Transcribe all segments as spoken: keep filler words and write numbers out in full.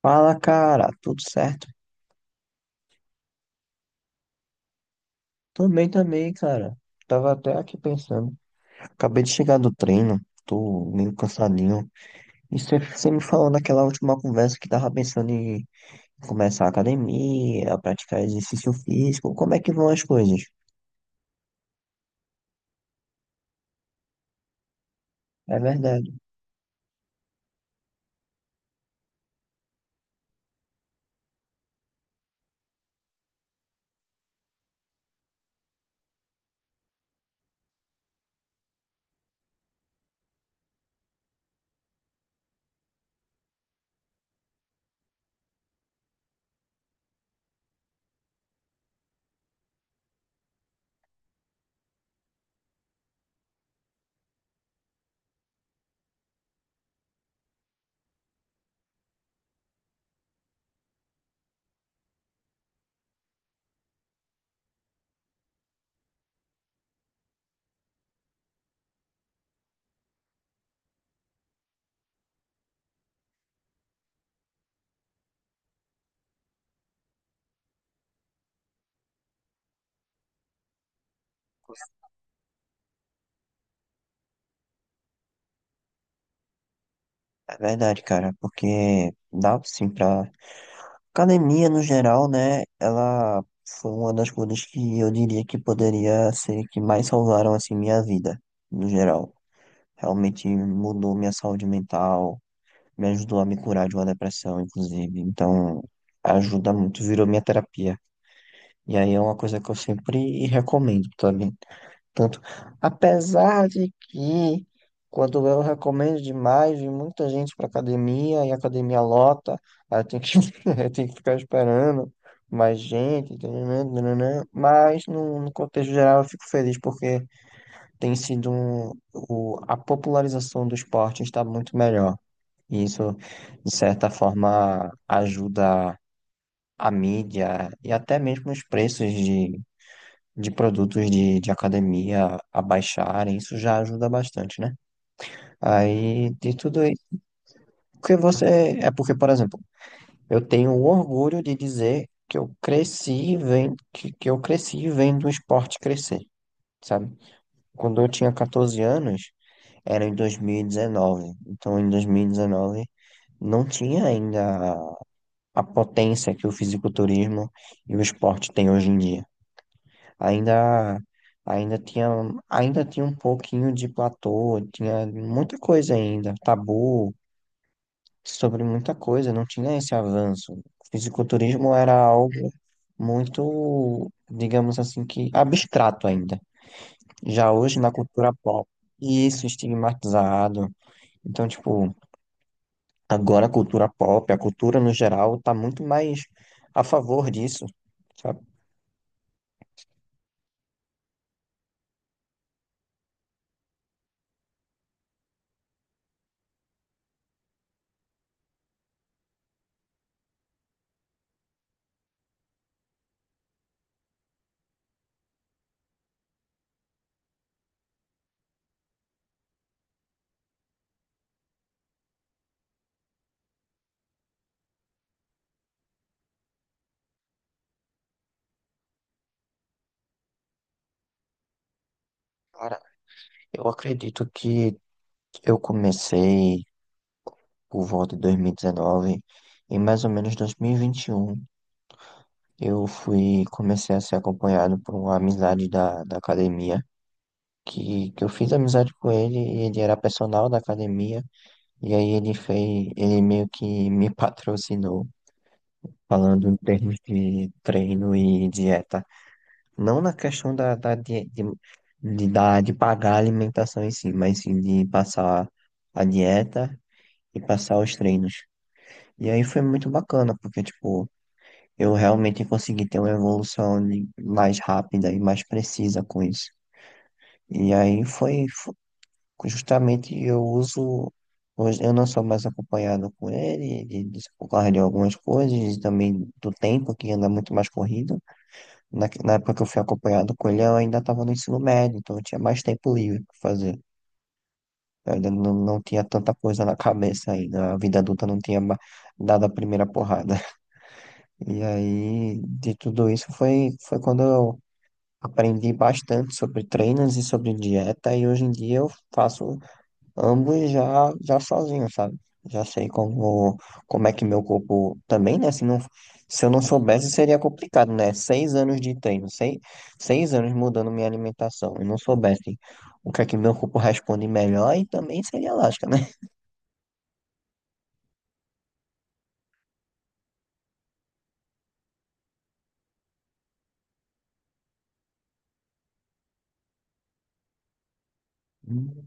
Fala, cara, tudo certo? Tô bem também, cara. Tava até aqui pensando. Acabei de chegar do treino, tô meio cansadinho. E você me falou naquela última conversa que tava pensando em começar a academia, praticar exercício físico. Como é que vão as coisas? É verdade, é verdade, cara, porque dá sim pra. Academia, no geral, né? Ela foi uma das coisas que eu diria que poderia ser que mais salvaram, assim, minha vida, no geral. Realmente mudou minha saúde mental, me ajudou a me curar de uma depressão, inclusive. Então, ajuda muito, virou minha terapia. E aí é uma coisa que eu sempre recomendo também. Tanto, apesar de que quando eu recomendo demais, vem muita gente para academia e a academia lota, aí eu tenho que, eu tenho que ficar esperando mais gente, entendeu? Mas no no contexto geral eu fico feliz porque tem sido um, o, a popularização do esporte está muito melhor. E isso, de certa forma, ajuda a mídia e até mesmo os preços de, de produtos de, de academia a baixarem. Isso já ajuda bastante, né? Aí, de tudo isso. Porque você. É porque, por exemplo, eu tenho o orgulho de dizer que eu cresci vendo, que, que eu cresci vendo o esporte crescer, sabe? Quando eu tinha catorze anos, era em dois mil e dezenove. Então, em dois mil e dezenove, não tinha ainda a a potência que o fisiculturismo e o esporte têm hoje em dia. Ainda, ainda tinha, ainda tinha um pouquinho de platô, tinha muita coisa ainda, tabu sobre muita coisa, não tinha esse avanço. O fisiculturismo era algo muito, digamos assim, que abstrato ainda. Já hoje na cultura pop, isso é estigmatizado. Então, tipo, Agora a cultura pop, a cultura no geral, tá muito mais a favor disso, sabe? Cara, eu acredito que eu comecei por volta de dois mil e dezenove e dezenove, em mais ou menos dois mil e vinte e um eu fui, comecei a ser acompanhado por uma amizade da, da academia, que, que eu fiz amizade com ele e ele era personal da academia e aí ele fez, ele meio que me patrocinou falando em termos de treino e dieta. Não na questão da, da, de, de, de, da- de pagar a alimentação em si, mas sim de passar a dieta e passar os treinos. E aí foi muito bacana, porque, tipo, eu realmente consegui ter uma evolução de- mais rápida e mais precisa com isso. E aí foi, fo- justamente eu uso. Hoje eu não sou mais acompanhado com ele, de, de- por causa de algumas coisas, e também do tempo, que anda muito mais corrido. Na, na época que eu fui acompanhado com ele, eu ainda estava no ensino médio, então eu tinha mais tempo livre para fazer. Eu ainda não, não tinha tanta coisa na cabeça ainda. A vida adulta não tinha ma- dado a primeira porrada. E aí, de tudo isso, foi, foi quando eu aprendi bastante sobre treinos e sobre dieta. E hoje em dia eu faço. Ambos já, já sozinhos, sabe? Já sei como, como é que meu corpo também, né? Se não, se eu não soubesse, seria complicado, né? Seis anos de treino, seis, seis anos mudando minha alimentação. E não soubesse o que é que meu corpo responde melhor, e também seria lógica, né? Hum.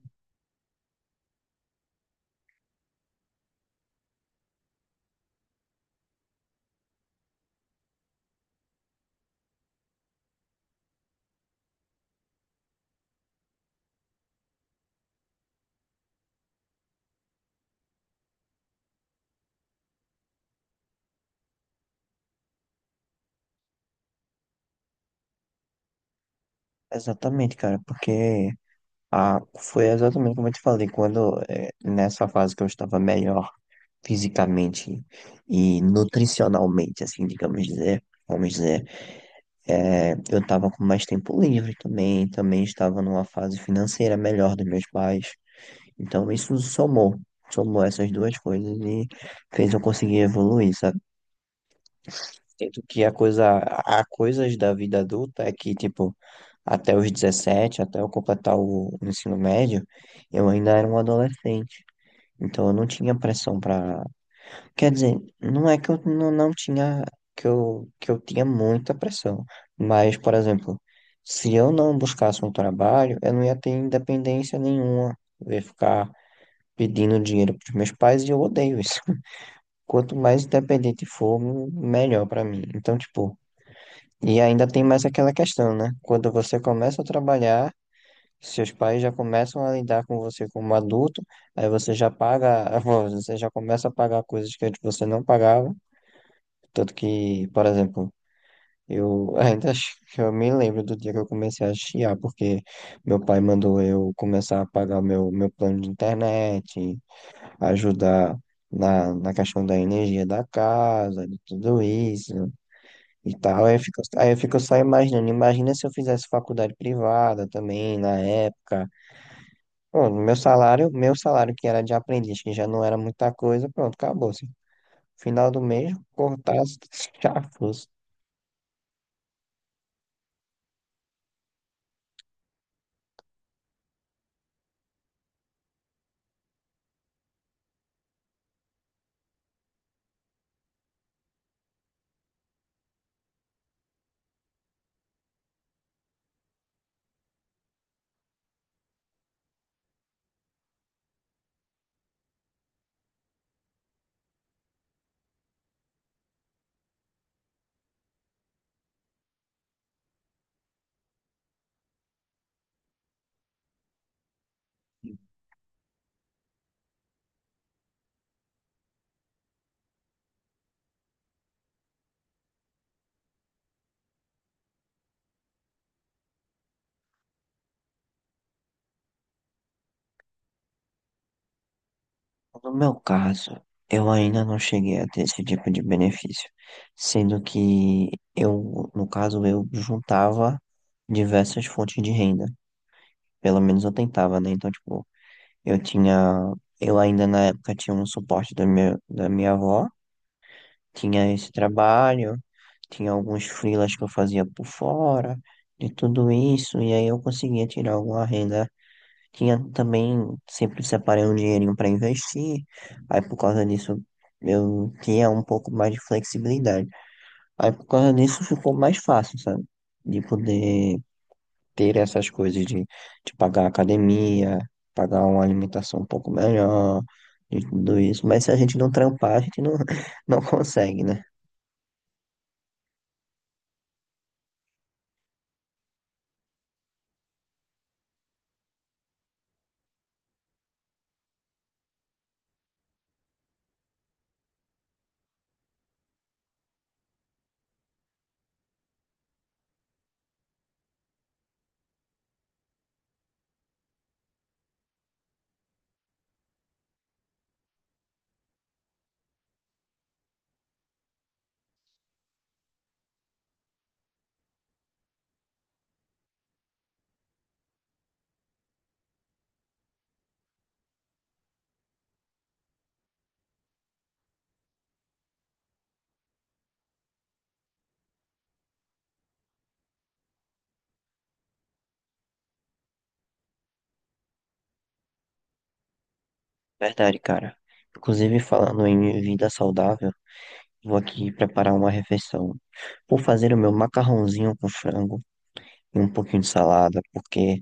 Exatamente, cara, porque a, foi exatamente como eu te falei, quando eh, nessa fase que eu estava melhor fisicamente e nutricionalmente, assim, digamos dizer, vamos dizer. É, eu estava com mais tempo livre também, também estava numa fase financeira melhor dos meus pais. Então isso somou, somou essas duas coisas e fez eu conseguir evoluir, sabe? Tanto que a coisa, há coisas da vida adulta é que, tipo, até os dezessete até eu completar o ensino médio, eu ainda era um adolescente. Então eu não tinha pressão. Para Quer dizer, não é que eu não, não tinha, que eu, que eu tinha muita pressão, mas, por exemplo, se eu não buscasse um trabalho, eu não ia ter independência nenhuma. Eu ia ficar pedindo dinheiro para os meus pais e eu odeio isso. Quanto mais independente for, melhor para mim. Então, tipo, e ainda tem mais aquela questão, né? Quando você começa a trabalhar, seus pais já começam a lidar com você como adulto, aí você já paga, você já começa a pagar coisas que antes você não pagava. Tanto que, por exemplo, eu ainda acho- que eu me lembro do dia que eu comecei a chiar, porque meu pai mandou eu começar a pagar meu, meu plano de internet, ajudar na, na questão da energia da casa, de tudo isso e tal. Aí eu fico, aí eu fico só imaginando, imagina se eu fizesse faculdade privada também na época. Pronto, meu salário, meu salário que era de aprendiz, que já não era muita coisa, pronto, acabou-se. Final do mês, cortasse, já foi. No meu caso, eu ainda não cheguei a ter esse tipo de benefício, sendo que eu, no caso, eu juntava diversas fontes de renda, pelo menos eu tentava, né? Então, tipo, eu tinha, eu ainda na época tinha um suporte da minha, da minha avó, tinha esse trabalho, tinha alguns freelas que eu fazia por fora, de tudo isso, e aí eu conseguia tirar alguma renda tinha também, sempre separei um dinheirinho para investir, aí por causa disso eu tinha um pouco mais de flexibilidade. Aí por causa disso ficou mais fácil, sabe? De poder ter essas coisas de, de pagar a academia, pagar uma alimentação um pouco melhor, de tudo isso. Mas se a gente não trampar, a gente não, não consegue, né? Verdade, cara. Inclusive, falando em vida saudável, vou aqui preparar uma refeição. Vou fazer o meu macarrãozinho com frango e um pouquinho de salada, porque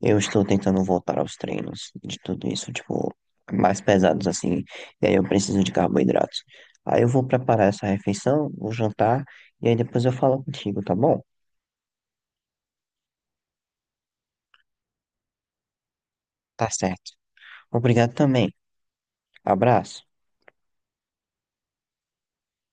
eu estou tentando voltar aos treinos de tudo isso, tipo, mais pesados assim, e aí eu preciso de carboidratos. Aí eu vou preparar essa refeição, vou jantar, e aí depois eu falo contigo, tá bom? Tá certo. Obrigado também. Abraço.